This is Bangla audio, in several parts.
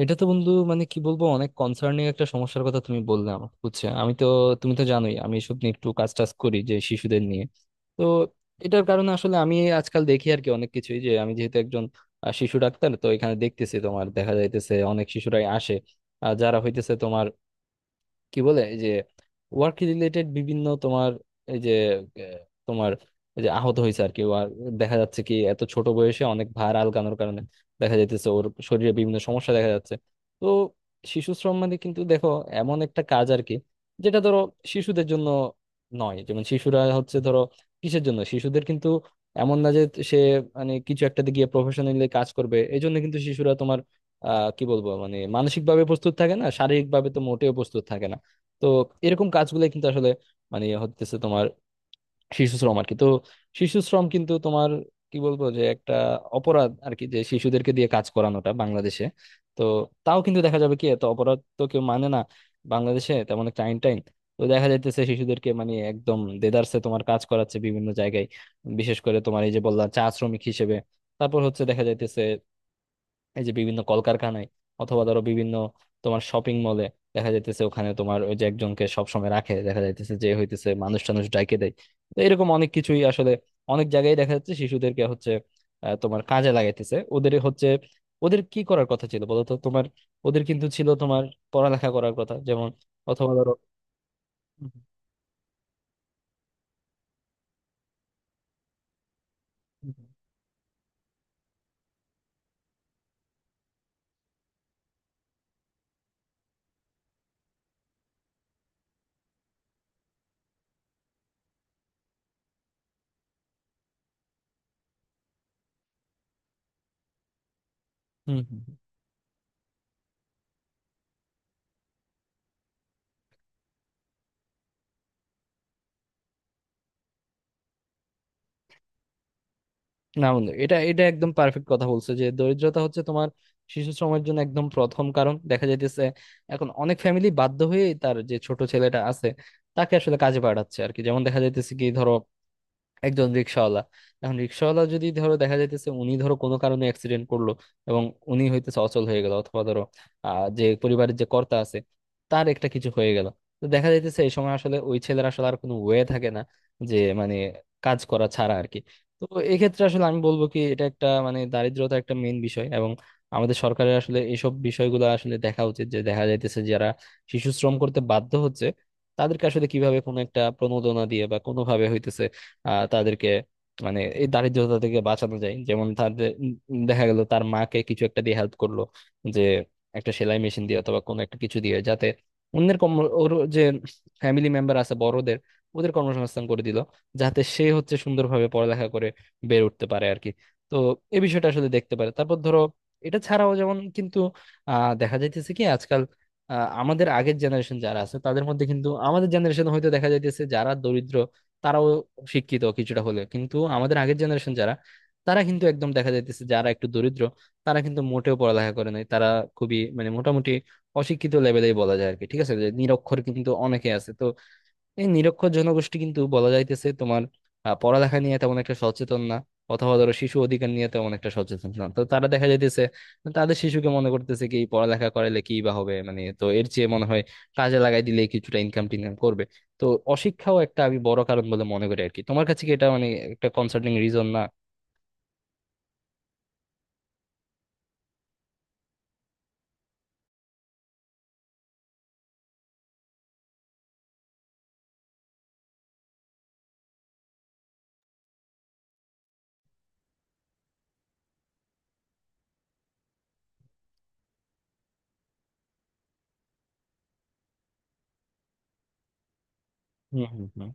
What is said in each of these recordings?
এটা তো বন্ধু মানে কি বলবো, অনেক কনসার্নিং একটা সমস্যার কথা তুমি বললে আমাকে, বুঝছো? আমি তো তুমি তো জানোই আমি এসব নিয়ে একটু কাজ টাজ করি, যে শিশুদের নিয়ে। তো এটার কারণে আসলে আমি আজকাল দেখি আর কি অনেক কিছুই, যে আমি যেহেতু একজন শিশু ডাক্তার, তো এখানে দেখতেছি তোমার, দেখা যাইতেছে অনেক শিশুরাই আসে যারা হইতেছে তোমার কি বলে এই যে ওয়ার্ক রিলেটেড বিভিন্ন তোমার এই যে আহ, তোমার এই যে আহত হয়েছে আর কি। আর দেখা যাচ্ছে কি এত ছোট বয়সে অনেক ভার আলগানোর কারণে দেখা যাইতেছে ওর শরীরে বিভিন্ন সমস্যা দেখা যাচ্ছে। তো শিশু শ্রম মানে কিন্তু দেখো, এমন একটা কাজ আর কি, যেটা ধরো শিশুদের জন্য নয়। যেমন শিশুরা হচ্ছে ধরো কিসের জন্য শিশুদের কিন্তু এমন না যে সে মানে কিছু একটাতে গিয়ে প্রফেশনালি কাজ করবে, এই জন্য কিন্তু শিশুরা তোমার আহ কি বলবো মানে মানসিক ভাবে প্রস্তুত থাকে না, শারীরিক ভাবে তো মোটেও প্রস্তুত থাকে না। তো এরকম কাজগুলো কিন্তু আসলে মানে হতেছে তোমার শিশু শ্রম আর কি। তো শিশু শ্রম কিন্তু তোমার কি বলবো, যে একটা অপরাধ আর কি, যে শিশুদেরকে দিয়ে কাজ করানোটা বাংলাদেশে। তো তাও কিন্তু দেখা যাবে কি এত অপরাধ তো কেউ মানে না, বাংলাদেশে তেমন একটা আইন টাইন। তো দেখা যাইতেছে শিশুদেরকে মানে একদম দেদারসে তোমার কাজ করাচ্ছে বিভিন্ন জায়গায়। বিশেষ করে তোমার এই যে বললাম চা শ্রমিক হিসেবে, তারপর হচ্ছে দেখা যাইতেছে এই যে বিভিন্ন কলকারখানায়, অথবা ধরো বিভিন্ন তোমার শপিং মলে দেখা যাইতেছে ওখানে তোমার ওই যে একজনকে সবসময় রাখে, দেখা যাইতেছে যে হইতেছে মানুষ টানুষ ডাইকে দেয়। তো এরকম অনেক কিছুই আসলে অনেক জায়গায় দেখা যাচ্ছে শিশুদেরকে হচ্ছে তোমার কাজে লাগাইতেছে। ওদের হচ্ছে ওদের কি করার কথা ছিল বলতো তোমার? ওদের কিন্তু ছিল তোমার পড়ালেখা করার কথা, যেমন অথবা ধরো। হুম। হুম হুম, হুম, হুম। না বন্ধু, এটা এটা একদম পারফেক্ট কথা বলছো, যে দরিদ্রতা হচ্ছে তোমার শিশু শ্রমের জন্য একদম প্রথম কারণ দেখা যাইতেছে। এখন অনেক ফ্যামিলি বাধ্য হয়ে তার যে ছোট ছেলেটা আছে তাকে আসলে কাজে পাঠাচ্ছে আর কি। যেমন দেখা যাইতেছে কি ধরো একজন রিক্সাওয়ালা, এখন রিক্সাওয়ালা যদি ধরো দেখা যাইতেছে উনি ধরো কোনো কারণে অ্যাক্সিডেন্ট করলো, এবং উনি হইতেছে অচল হয়ে গেল, অথবা ধরো আহ যে পরিবারের যে কর্তা আছে তার একটা কিছু হয়ে গেল। তো দেখা যাইতেছে এই সময় আসলে ওই ছেলের আসলে আর কোনো ওয়ে থাকে না, যে মানে কাজ করা ছাড়া আর কি। তো এক্ষেত্রে আসলে আমি বলবো কি এটা একটা মানে দারিদ্রতা একটা মেইন বিষয়। এবং আমাদের সরকারের আসলে এইসব বিষয়গুলো আসলে দেখা উচিত, যে দেখা যাইতেছে যারা শিশু শ্রম করতে বাধ্য হচ্ছে, তাদেরকে আসলে কিভাবে কোনো একটা প্রণোদনা দিয়ে বা কোনোভাবে হইতেছে তাদেরকে মানে এই দারিদ্রতা থেকে বাঁচানো যায়। যেমন তাদের দেখা গেল তার মাকে কিছু একটা দিয়ে হেল্প করলো, যে একটা সেলাই মেশিন দিয়ে অথবা কোনো একটা কিছু দিয়ে, যাতে অন্যের কর্ম ওর যে ফ্যামিলি মেম্বার আছে বড়দের ওদের কর্মসংস্থান করে দিল, যাতে সে হচ্ছে সুন্দরভাবে পড়ালেখা করে বের উঠতে পারে আর কি। তো এই বিষয়টা আসলে দেখতে পারে। তারপর ধরো এটা ছাড়াও, যেমন কিন্তু আহ দেখা যাইতেছে কি আজকাল আহ, আমাদের আগের জেনারেশন যারা আছে তাদের মধ্যে কিন্তু, আমাদের জেনারেশন হয়তো দেখা যাইতেছে যারা দরিদ্র তারাও শিক্ষিত কিছুটা হলেও, কিন্তু আমাদের আগের জেনারেশন যারা, তারা কিন্তু একদম দেখা যাইতেছে যারা একটু দরিদ্র, তারা কিন্তু মোটেও পড়ালেখা করে নাই। তারা খুবই মানে মোটামুটি অশিক্ষিত লেভেলেই বলা যায় আর কি, ঠিক আছে। যে নিরক্ষর কিন্তু অনেকে আছে তো, এই নিরক্ষর জনগোষ্ঠী কিন্তু বলা যাইতেছে তোমার পড়ালেখা নিয়ে তেমন একটা সচেতন না, অথবা ধরো শিশু অধিকার নিয়ে তেমন একটা সচেতন না। তো তারা দেখা যাইতেছে তাদের শিশুকে মনে করতেছে কি পড়ালেখা করাইলে কি বা হবে মানে, তো এর চেয়ে মনে হয় কাজে লাগাই দিলে কিছুটা ইনকাম টিনকাম করবে। তো অশিক্ষাও একটা আমি বড় কারণ বলে মনে করি আর কি। তোমার কাছে কি এটা মানে একটা কনসার্নিং রিজন না? হুম হুম হুম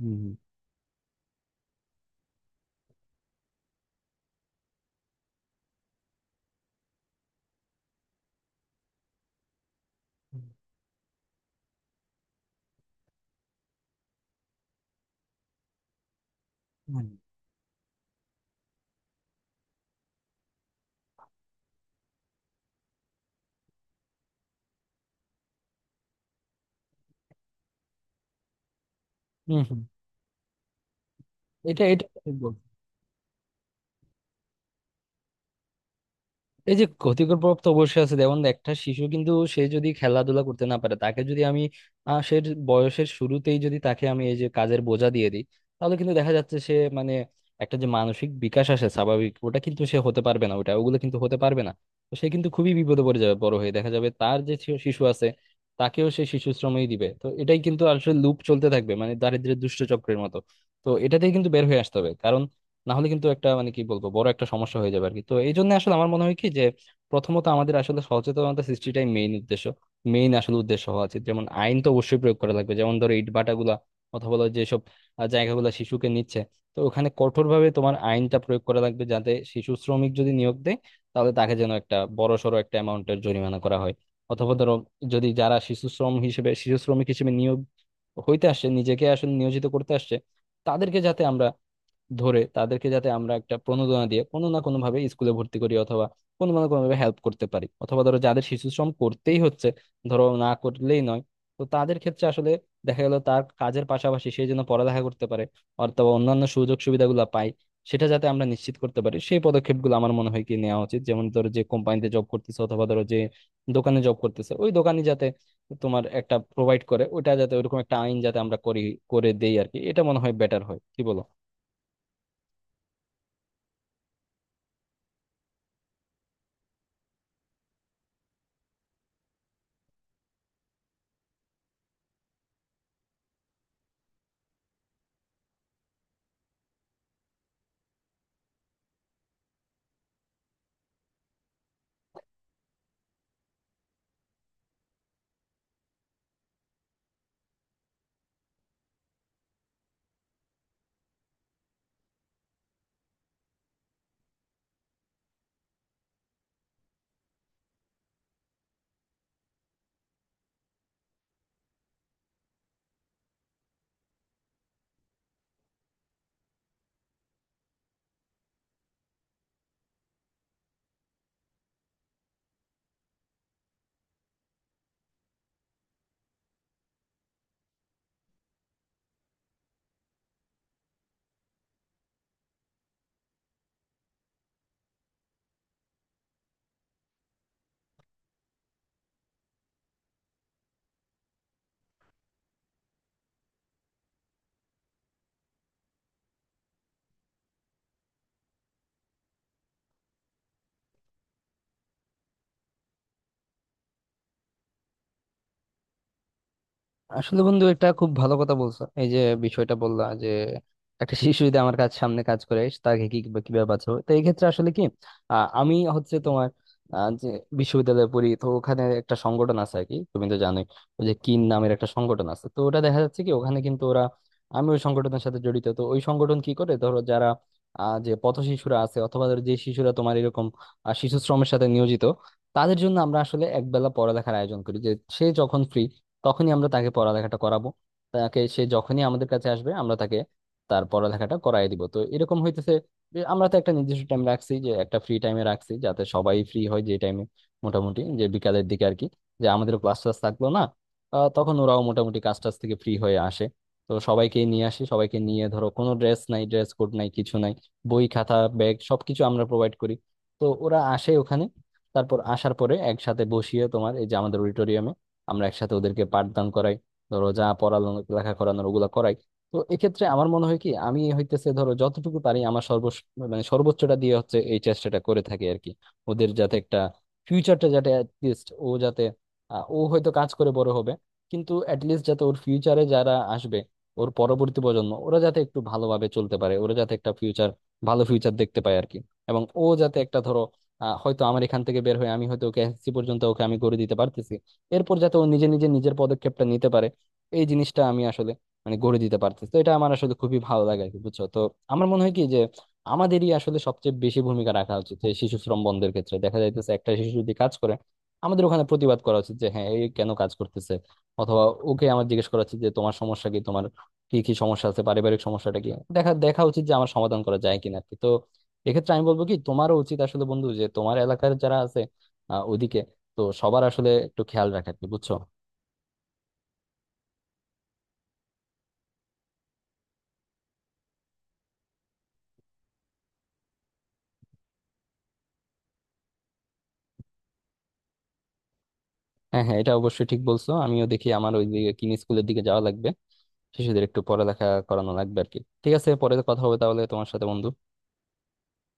হুম হুম হুম হুম। হুম। এটা এটা এই যে ক্ষতিকর প্রভাব তো অবশ্যই আছে। যেমন একটা শিশু কিন্তু সে যদি খেলাধুলা করতে না পারে, তাকে যদি আমি সে বয়সের শুরুতেই যদি তাকে আমি এই যে কাজের বোঝা দিয়ে দিই, তাহলে কিন্তু দেখা যাচ্ছে সে মানে একটা যে মানসিক বিকাশ আসে স্বাভাবিক ওটা কিন্তু সে হতে পারবে না, ওটা ওগুলো কিন্তু হতে পারবে না। তো সে কিন্তু খুবই বিপদে পড়ে যাবে, বড় হয়ে দেখা যাবে তার যে শিশু আছে তাকেও সে শিশু শ্রমেই দিবে। তো এটাই কিন্তু আসলে লুপ চলতে থাকবে, মানে দারিদ্র্যের দুষ্ট চক্রের মতো। তো এটাতেই কিন্তু বের হয়ে আসতে হবে, কারণ না হলে কিন্তু একটা মানে কি বলবো বড় একটা সমস্যা হয়ে যাবে আর কি। তো এই জন্য আসলে আমার মনে হয় কি যে প্রথমত আমাদের আসলে সচেতনতা সৃষ্টিটাই মেইন উদ্দেশ্য, মেইন আসলে উদ্দেশ্য হওয়া উচিত। যেমন আইন তো অবশ্যই প্রয়োগ করা লাগবে, যেমন ধরো ইট ভাটাগুলা অথবা হলো যেসব জায়গাগুলো শিশুকে নিচ্ছে, তো ওখানে কঠোরভাবে তোমার আইনটা প্রয়োগ করা লাগবে, যাতে শিশু শ্রমিক যদি নিয়োগ দেয় তাহলে তাকে যেন একটা বড় সড়ো একটা অ্যামাউন্টের জরিমানা করা হয়। অথবা ধরো যদি যারা শিশু শ্রম হিসেবে শিশু শ্রমিক হিসেবে নিয়োগ হইতে আসছে, নিজেকে আসলে নিয়োজিত করতে আসছে, তাদেরকে যাতে আমরা ধরে তাদেরকে যাতে আমরা একটা প্রণোদনা দিয়ে কোনো না কোনো ভাবে স্কুলে ভর্তি করি, অথবা কোনো না কোনো ভাবে হেল্প করতে পারি। অথবা ধরো যাদের শিশু শ্রম করতেই হচ্ছে, ধরো না করলেই নয়, তো তাদের ক্ষেত্রে আসলে দেখা গেল তার কাজের পাশাপাশি সে যেন পড়ালেখা করতে পারে, অথবা অন্যান্য সুযোগ সুবিধাগুলো পায়, সেটা যাতে আমরা নিশ্চিত করতে পারি সেই পদক্ষেপগুলো আমার মনে হয় কি নেওয়া উচিত। যেমন ধরো যে কোম্পানিতে জব করতেছে অথবা ধরো যে দোকানে জব করতেছে, ওই দোকানে যাতে তোমার একটা প্রোভাইড করে ওটা, যাতে ওরকম একটা আইন যাতে আমরা করি করে দেই আর কি। এটা মনে হয় বেটার হয়, কি বলো? আসলে বন্ধু এটা খুব ভালো কথা বলছো এই যে বিষয়টা বললা, যে একটা শিশু যদি আমার কাজ সামনে কাজ করে তাকে কি কিভাবে কিভাবে বাঁচাবো। তো এই ক্ষেত্রে আসলে কি আমি হচ্ছে তোমার যে বিশ্ববিদ্যালয়ে পড়ি তো ওখানে একটা সংগঠন আছে আর কি, তুমি তো জানোই ওই যে কিন নামের একটা সংগঠন আছে। তো ওটা দেখা যাচ্ছে কি ওখানে কিন্তু ওরা, আমি ওই সংগঠনের সাথে জড়িত। তো ওই সংগঠন কি করে, ধরো যারা যে পথ শিশুরা আছে অথবা ধরো যে শিশুরা তোমার এরকম শিশু শ্রমের সাথে নিয়োজিত, তাদের জন্য আমরা আসলে একবেলা পড়ালেখার আয়োজন করি। যে সে যখন ফ্রি তখনই আমরা তাকে পড়ালেখাটা করাবো, তাকে সে যখনই আমাদের কাছে আসবে আমরা তাকে তার পড়ালেখাটা করায় দিব। তো এরকম হইতেছে যে আমরা তো একটা নির্দিষ্ট টাইম রাখছি, যে একটা ফ্রি টাইমে রাখছি যাতে সবাই ফ্রি হয় যে টাইমে, মোটামুটি যে বিকালের দিকে আর কি, যে আমাদের ক্লাস টাস থাকলো না তখন ওরাও মোটামুটি কাজ টাজ থেকে ফ্রি হয়ে আসে। তো সবাইকে নিয়ে আসি, সবাইকে নিয়ে ধরো কোনো ড্রেস নাই, ড্রেস কোড নাই কিছু নাই, বই খাতা ব্যাগ সবকিছু আমরা প্রোভাইড করি। তো ওরা আসে ওখানে, তারপর আসার পরে একসাথে বসিয়ে তোমার এই যে আমাদের আমরা একসাথে ওদেরকে পাঠদান করাই, ধরো যা পড়ানো লেখা করানোর ওগুলা করাই। তো এক্ষেত্রে আমার মনে হয় কি আমি হইতেছে ধরো যতটুকু পারি আমার সর্ব মানে সর্বোচ্চটা দিয়ে হচ্ছে এই চেষ্টাটা করে থাকি আর কি, ওদের যাতে একটা ফিউচারটা যাতে লিস্ট ও যাতে ও হয়তো কাজ করে বড় হবে, কিন্তু লিস্ট যাতে ওর ফিউচারে যারা আসবে ওর পরবর্তী প্রজন্ম ওরা যাতে একটু ভালোভাবে চলতে পারে, ওরা যাতে একটা ফিউচার ভালো ফিউচার দেখতে পায় আর কি। এবং ও যাতে একটা ধরো হয়তো আমার এখান থেকে বের হয়ে আমি হয়তো ওকে এসএসসি পর্যন্ত ওকে আমি করে দিতে পারতেছি, এরপর যাতে ও নিজে নিজে নিজের পদক্ষেপটা নিতে পারে, এই জিনিসটা আমি আসলে মানে গড়ে দিতে পারতেছি। তো এটা আমার আসলে খুবই ভালো লাগে আর কি, বুঝছো? তো আমার মনে হয় কি যে আমাদেরই আসলে সবচেয়ে বেশি ভূমিকা রাখা উচিত এই শিশু শ্রম বন্ধের ক্ষেত্রে। দেখা যাইতেছে একটা শিশু যদি কাজ করে আমাদের ওখানে প্রতিবাদ করা উচিত, যে হ্যাঁ এই কেন কাজ করতেছে, অথবা ওকে আমার জিজ্ঞেস করা উচিত যে তোমার সমস্যা কি, তোমার কি কি সমস্যা আছে, পারিবারিক সমস্যাটা কি, দেখা দেখা উচিত যে আমার সমাধান করা যায় কিনা আর কি। তো এক্ষেত্রে আমি বলবো কি তোমারও উচিত আসলে বন্ধু যে তোমার এলাকার যারা আছে ওদিকে, তো সবার আসলে একটু খেয়াল রাখা আর কি, বুঝছো? হ্যাঁ হ্যাঁ, এটা অবশ্যই ঠিক বলছো। আমিও দেখি আমার ওই দিকে কিনি স্কুলের দিকে যাওয়া লাগবে, শিশুদের একটু পড়ালেখা করানো লাগবে আর কি। ঠিক আছে, পরে কথা হবে তাহলে তোমার সাথে বন্ধু।